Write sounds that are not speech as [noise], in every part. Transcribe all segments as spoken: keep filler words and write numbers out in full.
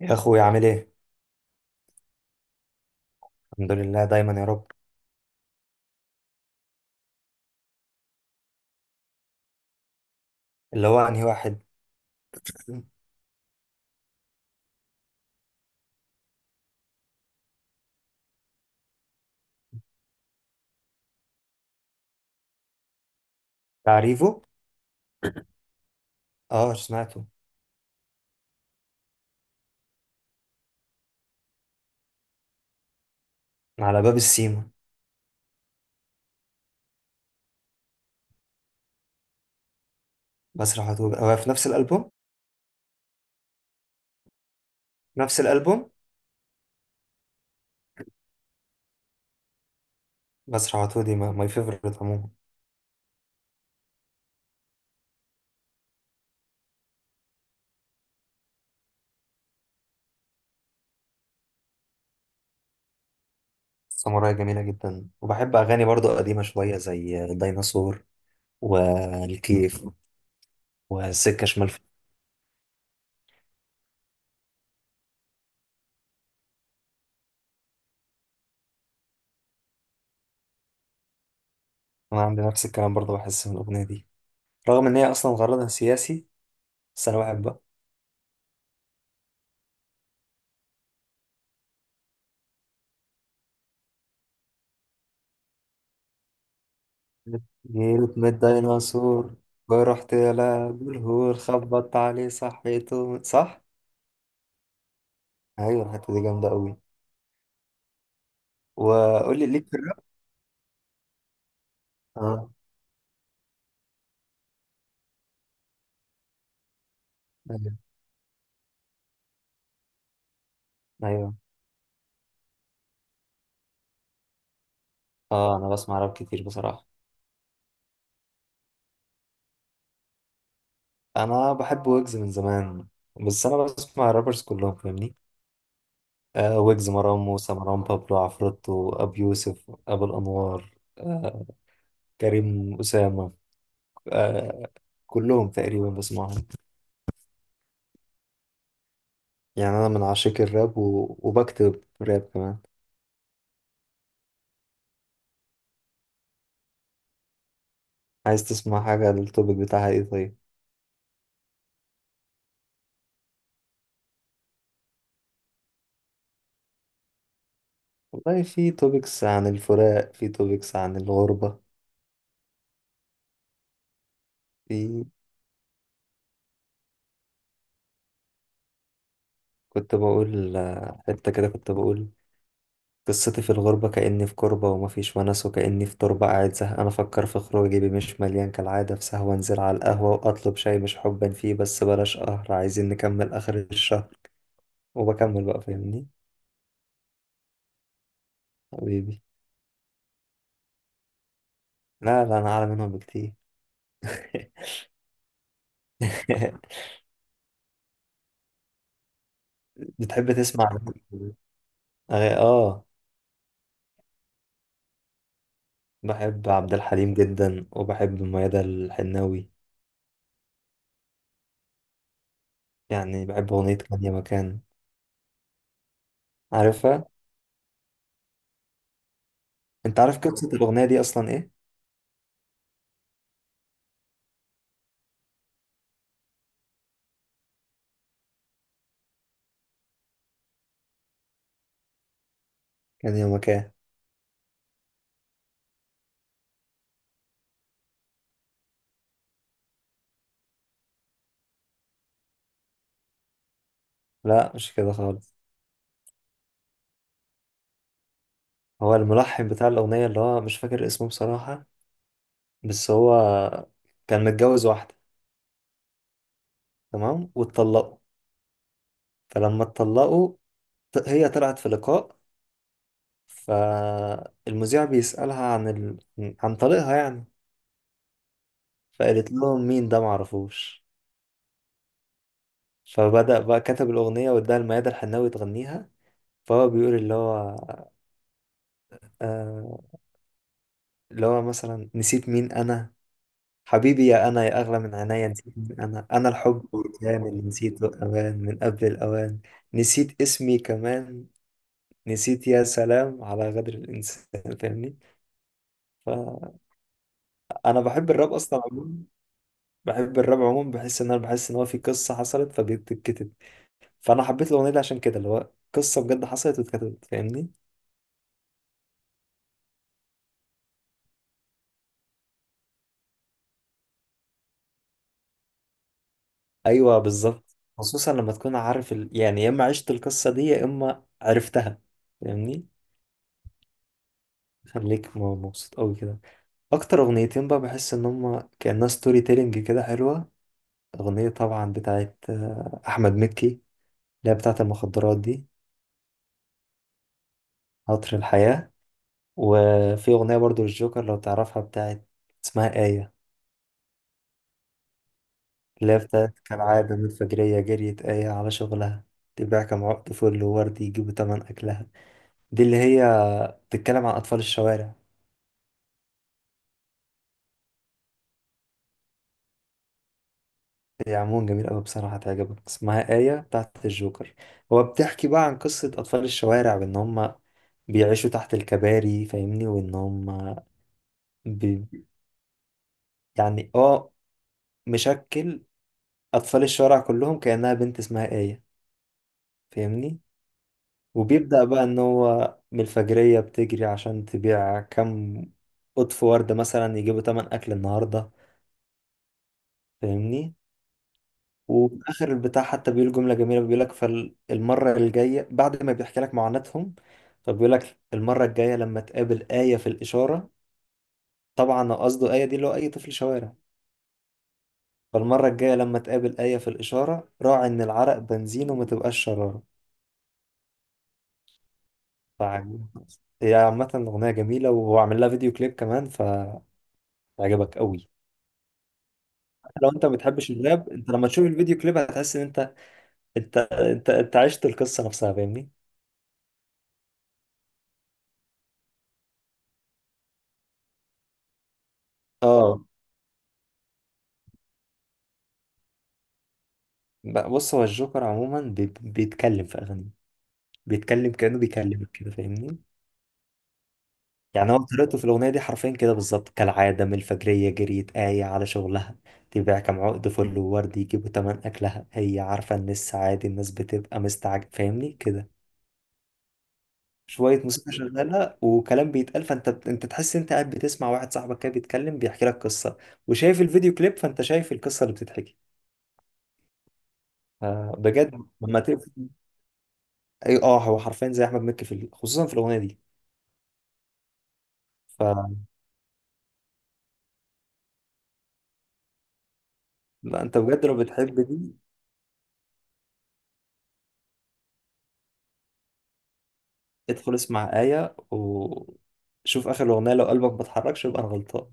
يا اخويا عامل ايه؟ الحمد لله دايما يا رب. اللي هو انهي واحد؟ تعريفه. اه، سمعته. على باب السيما. بسرح وتوه هو في نفس الالبوم؟ نفس الالبوم. بسرح وتوه دي ماي فيفورت عموما. ساموراي جميله جدا، وبحب اغاني برضو قديمه شويه زي الديناصور والكيف وسكه شمال في- انا عندي نفس الكلام برضو، بحس من الاغنيه دي رغم ان هي اصلا غرضها سياسي، بس انا بحبها. جيت من الديناصور ورحت لعب الهور، خبطت عليه صحيته، صح. ايوه الحته دي جامده قوي. وقول لي ليك في الراب. اه. ايوه، ايوه. اه انا بسمع راب كتير بصراحه. انا بحب ويجز من زمان، بس انا بسمع الرابرز كلهم فاهمني. آه ويجز، مروان موسى، مروان بابلو، عفروتو، ابي يوسف، ابو الانوار، آه كريم اسامه، آه كلهم تقريبا بسمعهم. يعني انا من عشاق الراب و... وبكتب راب كمان. عايز تسمع حاجه؟ التوبيك بتاعها ايه طيب؟ والله في توبكس عن الفراق، في توبكس عن الغربة. في كنت بقول، آه، حتة كده كنت بقول: قصتي في الغربة كأني في كربة، ومفيش ونس وكأني في تربة، قاعد زهقان أفكر في خروج جيبي مش مليان كالعادة، في سهوة أنزل على القهوة وأطلب شاي مش حبا فيه بس بلاش قهر، عايزين نكمل آخر الشهر. وبكمل بقى فاهمني. حبيبي. لا لا، أنا أعلى منهم بكتير. [laughs] بتحب تسمع أغا- [laughs] آه. بحب عبد الحليم جدا، وبحب ميادة الحناوي. يعني بحب أغنية كان يا مكان، عارفها؟ أنت عارف قصة الأغنية دي أصلا إيه؟ كان يومك ايه. لا، مش كده خالص. هو الملحن بتاع الأغنية، اللي هو مش فاكر اسمه بصراحة، بس هو كان متجوز واحدة. تمام، واتطلقوا. فلما اتطلقوا، ط- هي طلعت في لقاء، فالمذيع بيسألها عن ال... عن طريقها يعني. فقالت لهم مين ده معرفوش. فبدأ بقى كتب الأغنية واداها لميادة الحناوي تغنيها. فهو بيقول اللي هو، آه، اللي هو مثلا: نسيت مين أنا، حبيبي يا أنا يا أغلى من عينيا، نسيت من أنا، أنا الحب والكلام اللي نسيته أوان من قبل الأوان، نسيت اسمي كمان، نسيت، يا سلام على غدر الإنسان. فاهمني؟ فأنا بحب الراب أصلا عموما. بحب الراب عموما، بحس إن أنا بحس إن هو في قصة حصلت فبتتكتب. فأنا حبيت الأغنية دي عشان كده، اللي هو قصة بجد حصلت واتكتبت فاهمني. أيوه بالظبط، خصوصا لما تكون عارف ال... يعني يا إما عشت القصة دي يا إما عرفتها، فاهمني. خليك م- مبسوط أوي كده. اكتر اغنيتين بقى بحس ان هما كأنها ستوري تيلينج كده حلوة: اغنية طبعا بتاعت آه، احمد مكي اللي هي بتاعت المخدرات دي، عطر الحياة. وفي اغنية برضو للجوكر لو تعرفها، بتاعت، اسمها آية. اللي هي بتاعت كالعادة من الفجرية جريت آية على شغلها، تبيع كم عقد فل وورد يجيبوا تمن أكلها. دي اللي هي بتتكلم عن أطفال الشوارع. هي عموما جميل قوي بصراحة، هتعجبك، اسمها آية بتاعت الجوكر. هو بتحكي بقى عن قصة أطفال الشوارع بإن هم بيعيشوا تحت الكباري فاهمني، وإن هم بي... يعني اه، مشكل أطفال الشوارع كلهم كأنها بنت اسمها آية، فاهمني. وبيبدأ بقى إن هو من الفجرية بتجري عشان تبيع كم قطف وردة مثلا يجيبوا تمن أكل النهاردة، فاهمني. وفي اخر البتاع حتى بيقول جمله جميله، بيقول لك فالمره الجايه، بعد ما بيحكي لك معاناتهم، فبيقول لك المره الجايه لما تقابل ايه في الاشاره، طبعا قصده ايه دي اللي هو اي طفل شوارع، فالمره الجايه لما تقابل ايه في الاشاره راعي ان العرق بنزين وما تبقاش شراره. فعجب. هي عامة أغنية جميلة، وهو عامل لها فيديو كليب كمان، فهيعجبك قوي. لو أنت ما بتحبش الراب، أنت لما تشوف الفيديو كليب هتحس إن أنت، أنت أنت أنت عشت القصة نفسها، فاهمني؟ اه. بقى بص، هو الجوكر عموما بي- بيتكلم في اغانيه بيتكلم كانه بيكلمك كده، فاهمني. يعني هو طريقته في الاغنيه دي حرفيا كده بالظبط: كالعاده من الفجريه جريت ايه على شغلها، تبيع كام عقد فل وورد يجيبوا تمن اكلها. هي عارفه ان السعادة الناس بتبقى مستعجب فاهمني كده. شويه موسيقى شغاله وكلام بيتقال، فانت انت تحس انت قاعد بتسمع واحد صاحبك كده بيتكلم بيحكي لك قصه، وشايف الفيديو كليب فانت شايف القصه اللي بتتحكي. آه، بجد، لما تقفل. اي اه هو حرفيا زي احمد مكي في ال- خصوصا في الاغنيه دي. ف لا، انت بجد لو بتحب دي، ادخل اسمع آية وشوف اخر اغنية، لو قلبك ما اتحركش يبقى انا غلطان.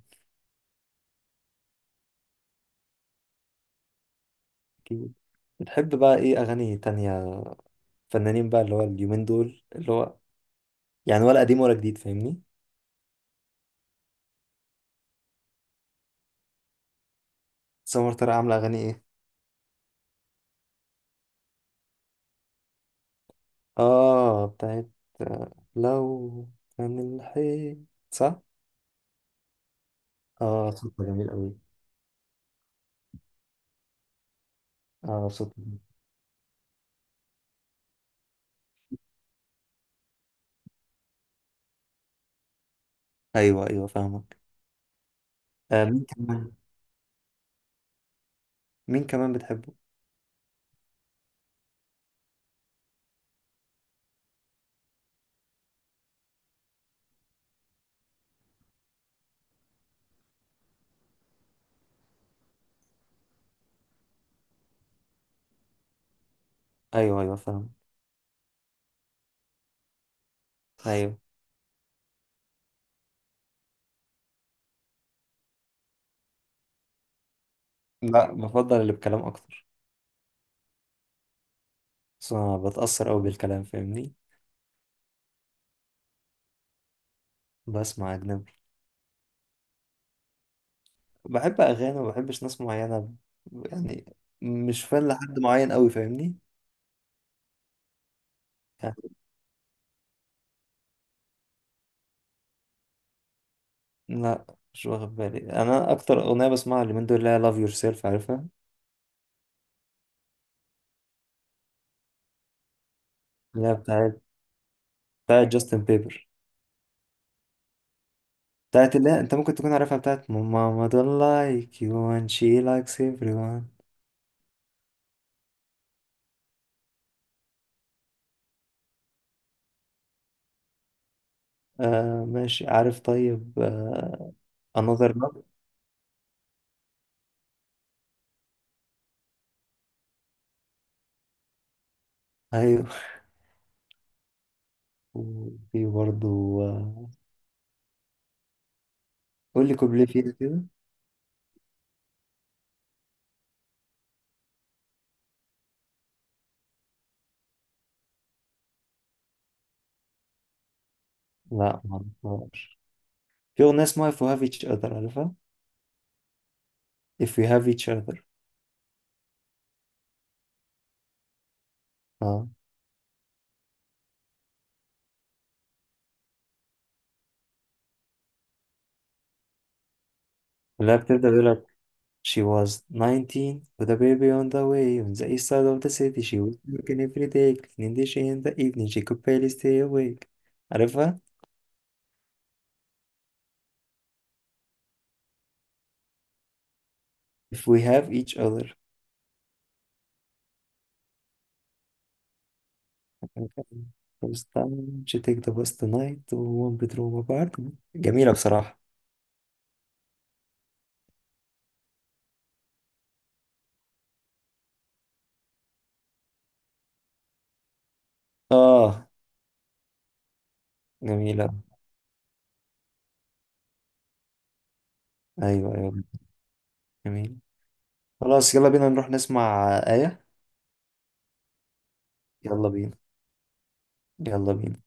اكيد. بتحب بقى ايه اغاني تانية، فنانين بقى اللي هو اليومين دول، اللي هو يعني، ولا قديم ولا جديد، فاهمني؟ سمر ترى عاملة اغاني ايه. اه بتاعت، آه، لو كان الحيط، صح. اه صوتها جميل قوي. اه صوتها جميل. ايوه، ايوه فاهمك. آه، مين كمان. مين كمان بتحبه. ايوه، ايوه فاهم. ايوه. لا، بفضل اللي بكلام اكتر، بس أنا بتأثر أوي بالكلام فاهمني. بسمع أجنبي. بحب أغاني وما بحبش ناس معينة، يعني مش فان لحد معين أوي، فاهمني. يعني لا، مش واخد بالي. أنا أكتر أغنية بسمعها اليومين دول اللي هي Love Yourself، عارفها؟ اللي هي بتاعت بتاعت جاستن بيبر. بتاعت اللي هي، أنت ممكن تكون عارفها، بتاعت My Mama don't like you and she likes everyone. آه ماشي، عارف طيب. آه Another Love. أيوه. وفي برضه، آه، قول لي كوبليه فيها كده. لا، معرفهاش. في أغنية اسمها If We Have Each Other، عارفها؟ If We Have Each Other. اه اللي هي بتبدأ بيقول لك: She was nineteen with a baby on the way on the east side of the city, she was working every day cleaning the dishes in the evening she could barely stay awake. عارفها؟ If we have each other. first time she take the bus tonight to one bedroom apartment. جميلة بصراحة. اه جميلة. ايوه، ايوه جميلة. خلاص، يلا بينا نروح نسمع آية. يلا بينا. يلا بينا.